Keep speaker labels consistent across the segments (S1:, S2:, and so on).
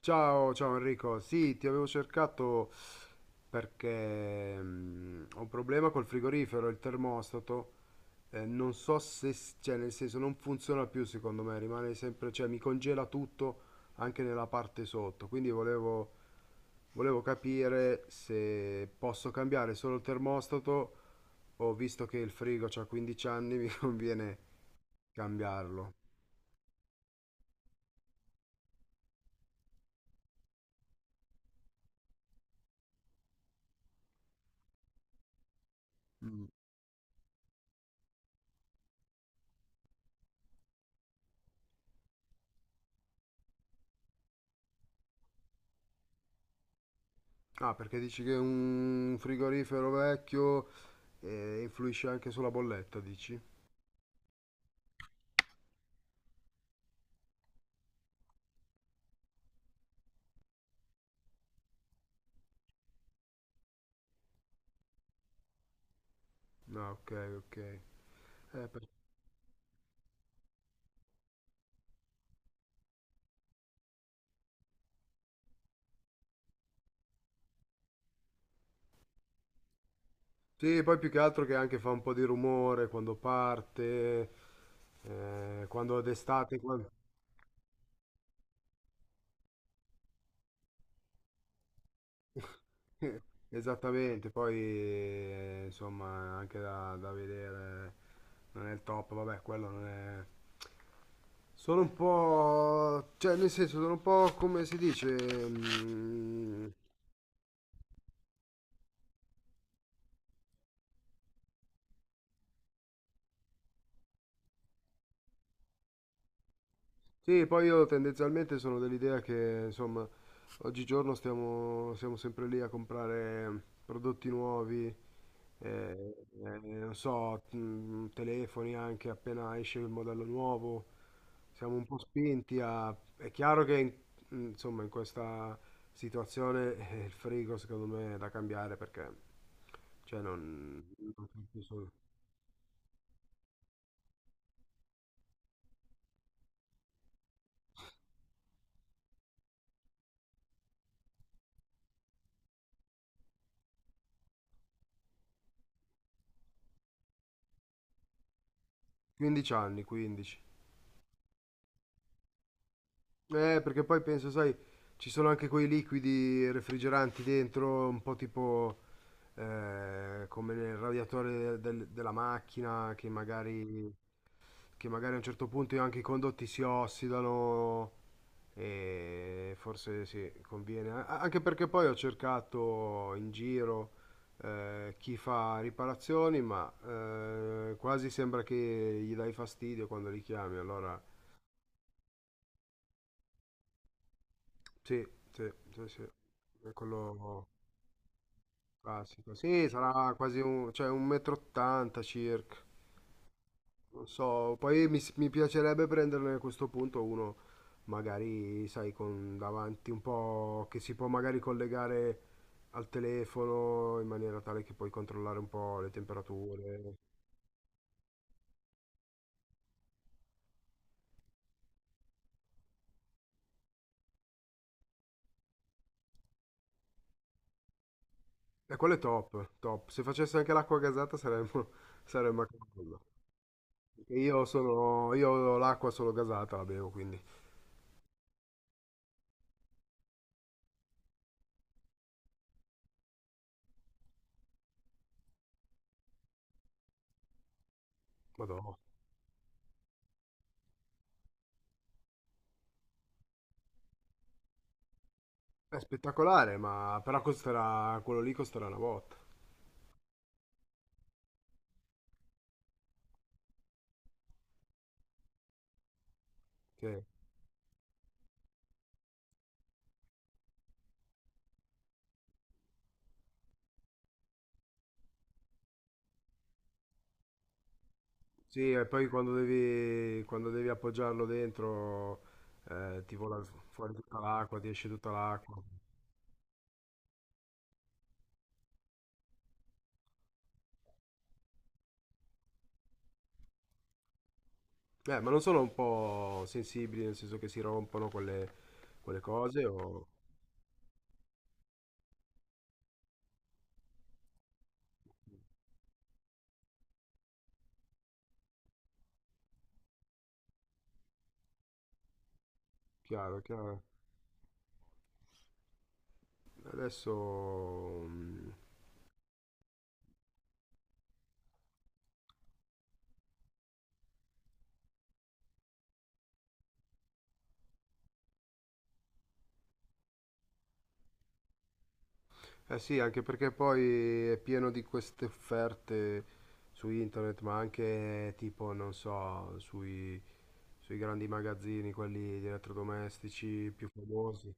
S1: Ciao, ciao Enrico. Sì, ti avevo cercato perché ho un problema col frigorifero, il termostato. Non so se, cioè nel senso non funziona più secondo me, rimane sempre, cioè mi congela tutto anche nella parte sotto. Quindi volevo capire se posso cambiare solo il termostato o visto che il frigo ha 15 anni mi conviene cambiarlo. Ah, perché dici che è un frigorifero vecchio. E influisce anche sulla bolletta, dici? Ah, ok, ok. Eh. Sì, poi più che altro che anche fa un po' di rumore quando parte, quando d'estate, quando. Esattamente, poi insomma anche da vedere non è il top, vabbè, quello non è. Sono un po', cioè nel senso sono un po' come si dice. mm, Sì, poi io tendenzialmente sono dell'idea che, insomma, oggigiorno siamo sempre lì a comprare prodotti nuovi. eh, Non so, telefoni anche appena esce il modello nuovo, siamo un po' spinti a. È chiaro che, insomma, in questa situazione il frigo secondo me è da cambiare perché, cioè, non so, sono 15 anni, 15. Perché poi penso, sai, ci sono anche quei liquidi refrigeranti dentro, un po' tipo come nel radiatore della macchina, che magari a un certo punto anche i condotti si ossidano e forse sì, conviene. Anche perché poi ho cercato in giro chi fa riparazioni, ma quasi sembra che gli dai fastidio quando li chiami, allora sì, sì, sì, sì. è Quello... Classico. Sì, sarà quasi un, cioè un metro 80 circa. Non so, poi mi piacerebbe prenderne a questo punto uno, magari, sai, con davanti un po' che si può magari collegare al telefono in maniera tale che puoi controllare un po' le temperature. E quello è top, top. Se facesse anche l'acqua gasata saremmo, saremmo a cavallo. Perché io ho l'acqua solo gasata, la bevo, quindi. Madonna. È spettacolare, ma però costerà, quello lì costerà una botta. Sì, sì, e poi quando devi appoggiarlo dentro, ti vola fuori tutta l'acqua, ti esce tutta l'acqua. Ma non sono un po' sensibili, nel senso che si rompono quelle cose, o. Chiaro, chiaro. Adesso. mm, Eh sì, anche perché poi è pieno di queste offerte su internet, ma anche tipo, non so, sui grandi magazzini, quelli di elettrodomestici più famosi.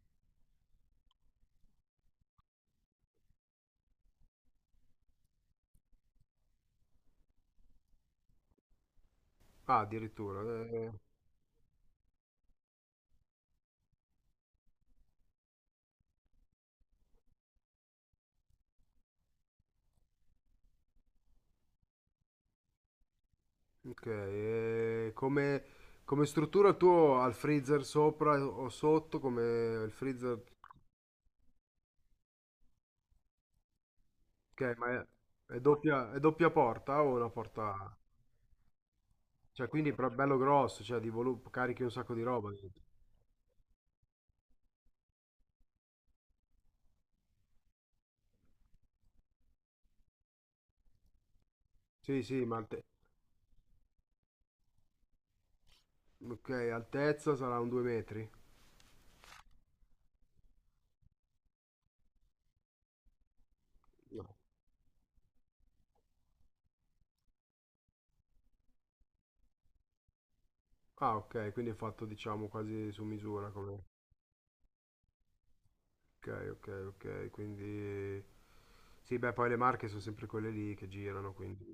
S1: Ah, addirittura. Eh. Ok, e come, struttura il tuo ha il freezer sopra o sotto, come il freezer? Ok, ma è doppia porta o una porta? Cioè quindi però è bello grosso, cioè carichi un sacco di roba dentro. Sì, sì, ma ok, altezza sarà un 2 metri? No. Ah, ok, quindi è fatto diciamo quasi su misura come. Ok, ok, ok, quindi. Sì, beh, poi le marche sono sempre quelle lì che girano, quindi.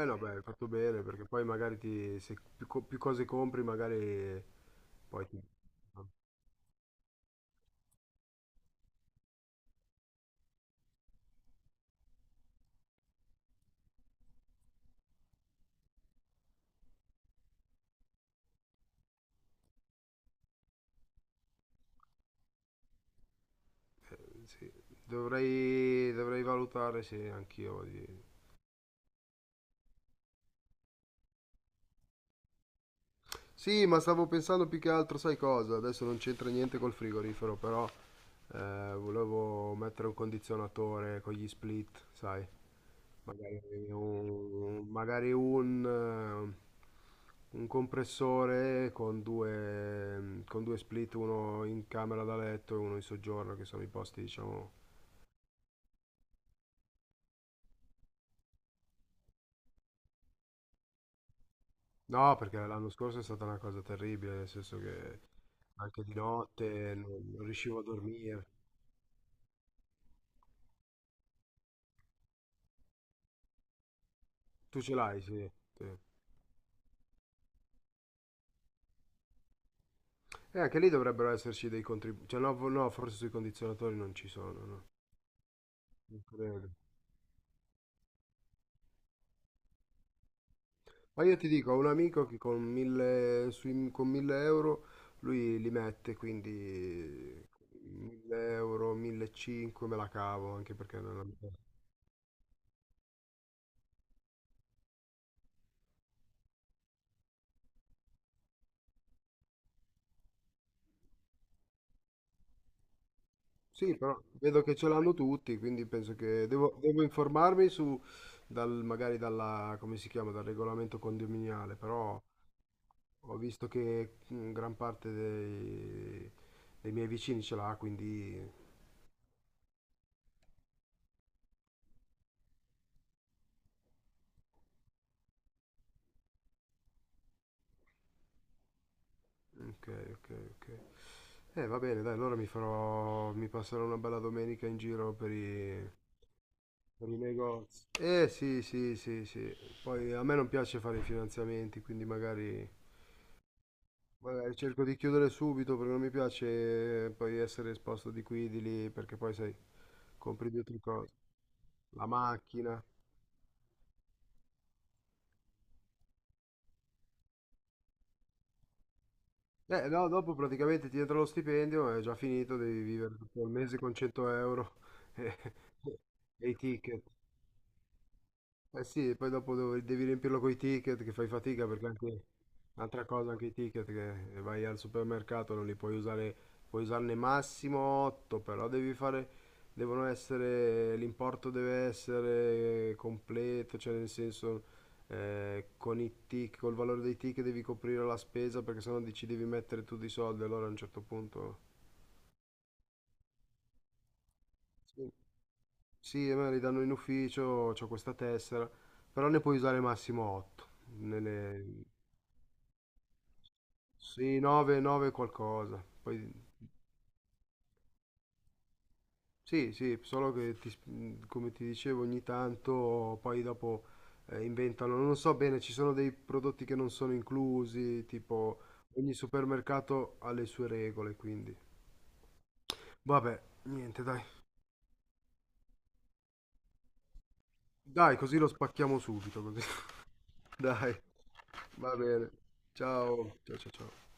S1: Eh no, beh, hai fatto bene perché poi magari se più, più cose compri, magari poi ti. No, sì. Dovrei valutare se anch'io di. Sì, ma stavo pensando più che altro, sai cosa? Adesso non c'entra niente col frigorifero, però volevo mettere un condizionatore con gli split, sai? Magari un compressore con due, split, uno in camera da letto e uno in soggiorno, che sono i posti, diciamo. No, perché l'anno scorso è stata una cosa terribile, nel senso che anche di notte non riuscivo a dormire. Tu ce l'hai, sì. Sì. E anche lì dovrebbero esserci dei contributi. Cioè, no, no, forse sui condizionatori non ci sono, no? Non credo. Ma io ti dico, ho un amico che con 1000 euro lui li mette, quindi 1000 euro, 1500 me la cavo, anche perché non la metto. Sì, però vedo che ce l'hanno tutti, quindi penso che devo informarmi su, magari dalla, come si chiama, dal regolamento condominiale, però ho visto che gran parte dei miei vicini ce l'ha, quindi. Ok, ok, ok. Va bene, dai, allora mi passerò una bella domenica in giro per i negozi. Sì, sì, sì, sì. Poi a me non piace fare i finanziamenti, quindi magari. Magari cerco di chiudere subito perché non mi piace poi essere esposto di qui, di lì, perché poi sai, compri due o tre cose. La macchina. No, dopo praticamente ti entra lo stipendio, è già finito, devi vivere tutto il mese con 100 euro e, e i ticket. Eh sì, poi dopo devi riempirlo con i ticket che fai fatica perché anche un'altra cosa, anche i ticket che vai al supermercato non li puoi usare, puoi usarne massimo 8, però devi fare, devono essere, l'importo deve essere completo, cioè nel senso col valore dei ticket devi coprire la spesa perché sennò dici devi mettere tu dei soldi, allora a un certo punto. Sì, sì, a me li danno in ufficio, ho questa tessera, però ne puoi usare massimo 8. Nelle... Sì, 9, 9 qualcosa. Poi, sì, sì, solo che come ti dicevo ogni tanto poi dopo inventano, non so bene, ci sono dei prodotti che non sono inclusi, tipo ogni supermercato ha le sue regole, quindi. Vabbè, niente, dai. Dai, così lo spacchiamo subito, così. Dai, va bene. Ciao, ciao, ciao, ciao.